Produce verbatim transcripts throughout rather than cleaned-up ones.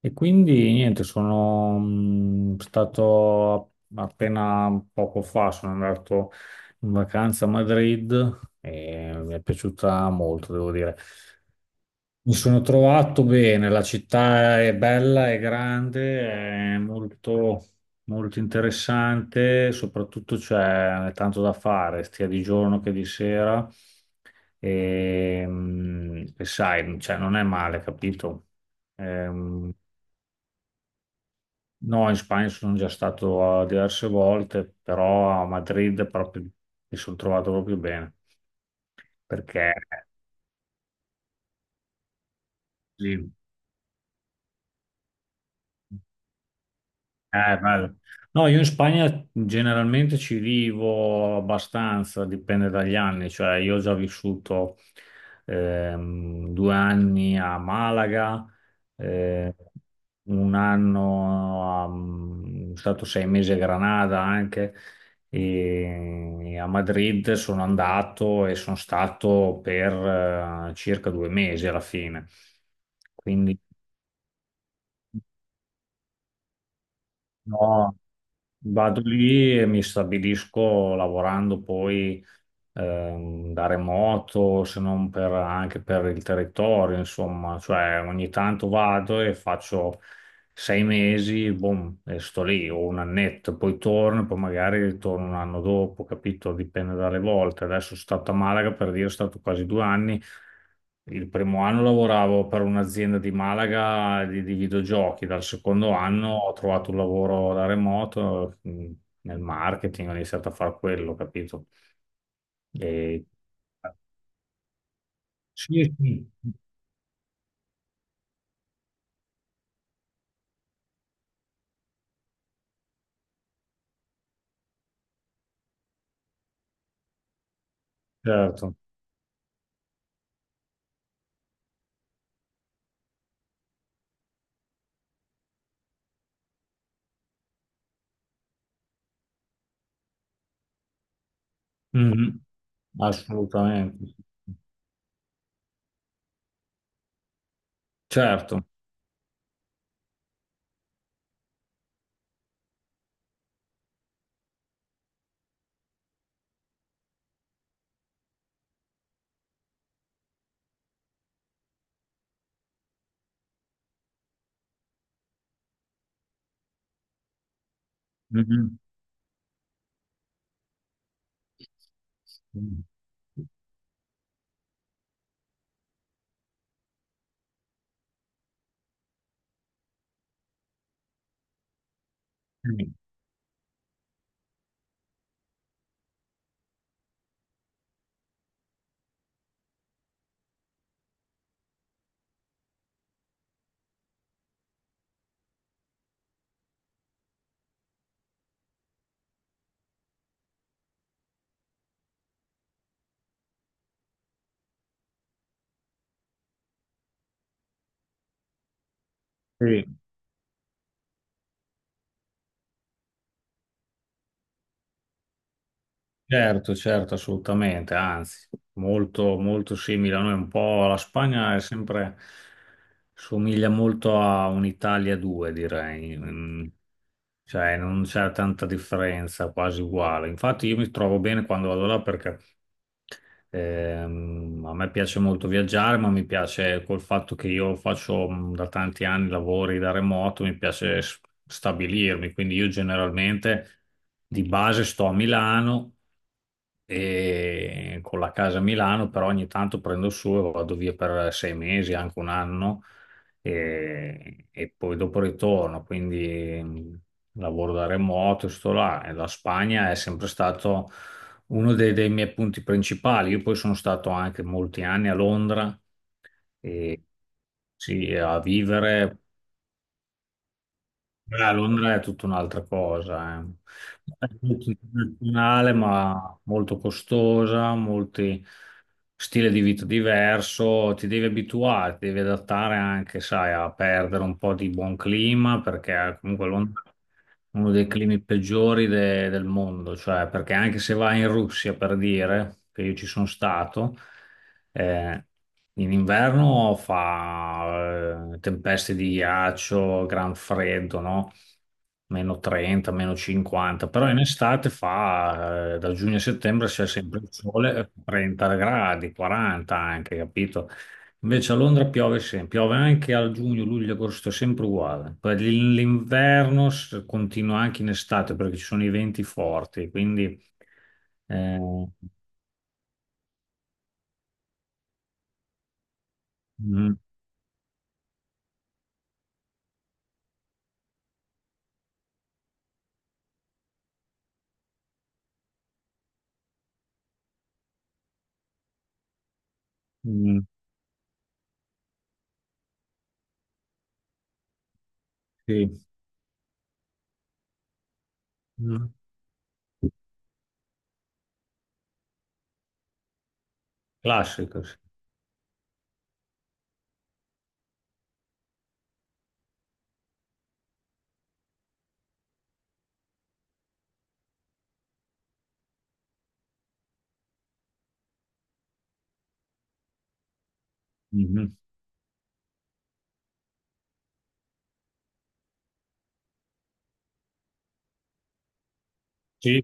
E quindi niente, sono mh, stato a- appena poco fa, sono andato in vacanza a Madrid e mi è piaciuta molto, devo dire. Mi sono trovato bene, la città è bella, è grande, è molto, molto interessante, soprattutto c'è tanto da fare, sia di giorno che di sera. E, mh, e sai, cioè, non è male, capito? Ehm, No, in Spagna sono già stato eh, diverse volte, però a Madrid proprio mi sono trovato proprio bene, perché lì. Eh, bello. No, io in Spagna generalmente ci vivo abbastanza, dipende dagli anni, cioè io ho già vissuto ehm, due anni a Malaga, eh, un anno, a- mm, sono stato sei mesi a Granada anche, e a Madrid sono andato e sono stato per eh, circa due mesi alla fine. Quindi. No, vado lì e mi stabilisco lavorando poi ehm, da remoto, se non per- anche per il territorio, insomma, cioè ogni tanto vado e faccio sei mesi, boom, e sto lì, o un annetto, poi torno, poi magari ritorno un anno dopo, capito? Dipende dalle volte. Adesso sono stato a Malaga, per dire, sono stato quasi due anni. Il primo anno lavoravo per un'azienda di Malaga di, di videogiochi, dal secondo anno ho trovato un lavoro da remoto mh, nel marketing, ho iniziato a fare quello, capito? E... Sì, sì, certo. Mhm. Assolutamente, sì. Certo. Mhm. Sì, certo, certo, assolutamente, anzi, molto, molto simile a noi, un po' la Spagna è sempre, somiglia molto a un'Italia due, direi. Mm, cioè non c'è tanta differenza, quasi uguale. Infatti io mi trovo bene quando vado là perché ehm, a me piace molto viaggiare, ma mi piace col fatto che io faccio mm, da tanti anni lavori da remoto, mi piace s- stabilirmi, quindi io generalmente di base sto a Milano e con la casa a Milano, però ogni tanto prendo su e vado via per sei mesi, anche un anno, e, e poi dopo ritorno. Quindi mh, lavoro da remoto, sto là. E la Spagna è sempre stato uno dei, dei miei punti principali. Io poi sono stato anche molti anni a Londra e sì, a vivere. Beh, a Londra è tutta un'altra cosa, eh. È molto internazionale, ma molto costosa, molti stile di vita diverso, ti devi abituare, ti devi adattare anche, sai, a perdere un po' di buon clima, perché eh, comunque Londra è uno dei climi peggiori de- del mondo, cioè perché anche se vai in Russia, per dire, che io ci sono stato, eh, in inverno fa eh, tempeste di ghiaccio, gran freddo, no? Meno trenta, meno cinquanta, però in estate fa eh, da giugno a settembre c'è sempre il sole, eh, trenta gradi, quaranta anche, capito? Invece a Londra piove sempre, piove anche a giugno, luglio, agosto, è sempre uguale. Poi l- l'inverno s- continua anche in estate perché ci sono i venti forti, quindi eh, mm, mm, sì, mm, classico, sì. Mhm. Sì,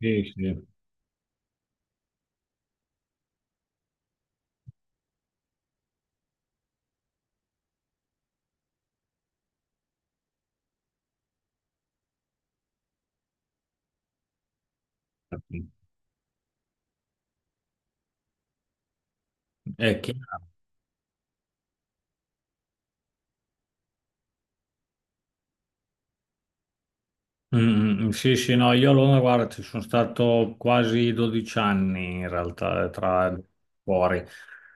sì, sì, infatti. È chiaro. Mm, mm, sì, sì, no, io a Londra, guarda, ci sono stato quasi dodici anni in realtà, tra fuori.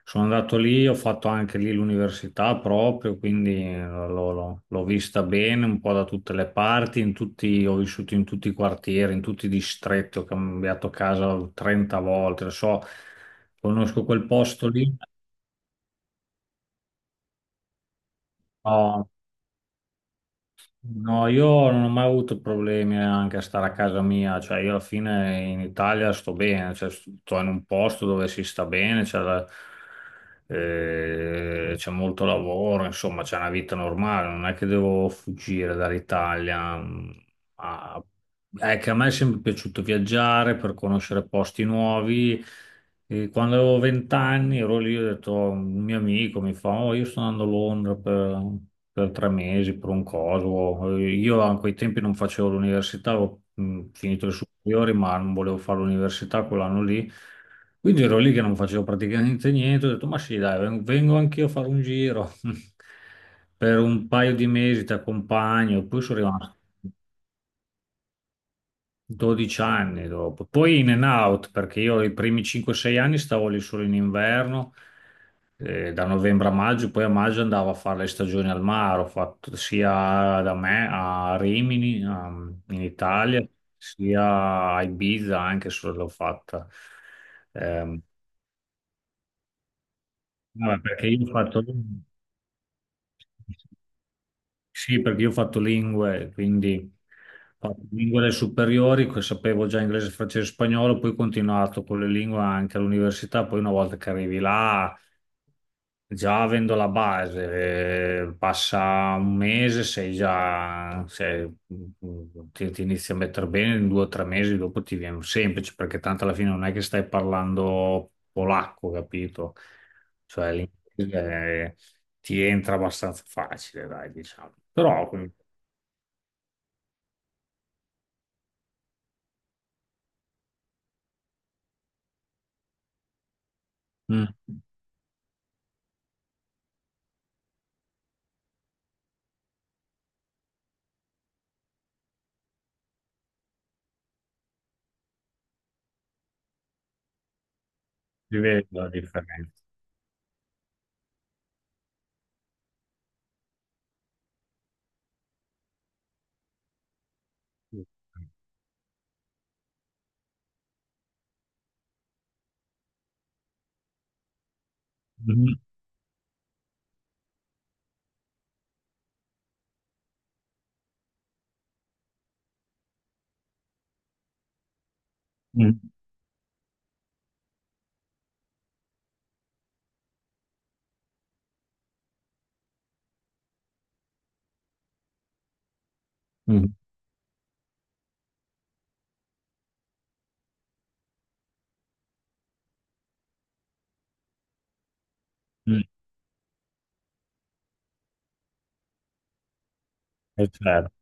Sono andato lì, ho fatto anche lì l'università proprio, quindi eh, l'ho l'ho- l'ho vista bene un po' da tutte le parti, in tutti- ho vissuto in tutti i quartieri, in tutti i distretti, ho cambiato casa trenta volte, lo so, conosco quel posto lì. No, io non ho mai avuto problemi anche a stare a casa mia, cioè io alla fine in Italia sto bene, cioè, sto in un posto dove si sta bene, c'è la- eh, c'è molto lavoro, insomma c'è una vita normale, non è che devo fuggire dall'Italia. mm, a- È che a me è sempre piaciuto viaggiare per conoscere posti nuovi e quando avevo vent'anni ero lì, ho detto, "Oh, un mio amico mi fa, oh, io sto andando a Londra per, per tre mesi, per un coso". Eh, Io a quei tempi non facevo l'università, avevo mh, finito le superiori, ma non volevo fare l'università quell'anno lì. Quindi ero lì che non facevo praticamente niente, ho detto, ma sì, dai, ven- vengo anch'io a fare un giro per un paio di mesi, ti accompagno. E poi sono rimasto. dodici anni dopo, poi in and out perché io i primi cinque o sei anni stavo lì solo in inverno, eh, da novembre a maggio, poi a maggio andavo a fare le stagioni al mare, ho fatto sia da me a Rimini, um, in Italia, sia a Ibiza anche se l'ho fatta. Ehm, vabbè, perché io ho fatto... Sì, perché io ho fatto lingue, quindi ho fatto lingue alle superiori, che sapevo già inglese, francese e spagnolo, poi ho continuato con le lingue anche all'università, poi una volta che arrivi là, già avendo la base, eh, passa un mese, sei già, sei- ti, ti inizi a mettere bene, in due o tre mesi dopo ti viene semplice, perché tanto alla fine non è che stai parlando polacco, capito? Cioè, l'inglese ti entra abbastanza facile, dai, diciamo. Però comunque. Mm. Si vede la differenza. Mm. Mm. Mm. Mm. È certo.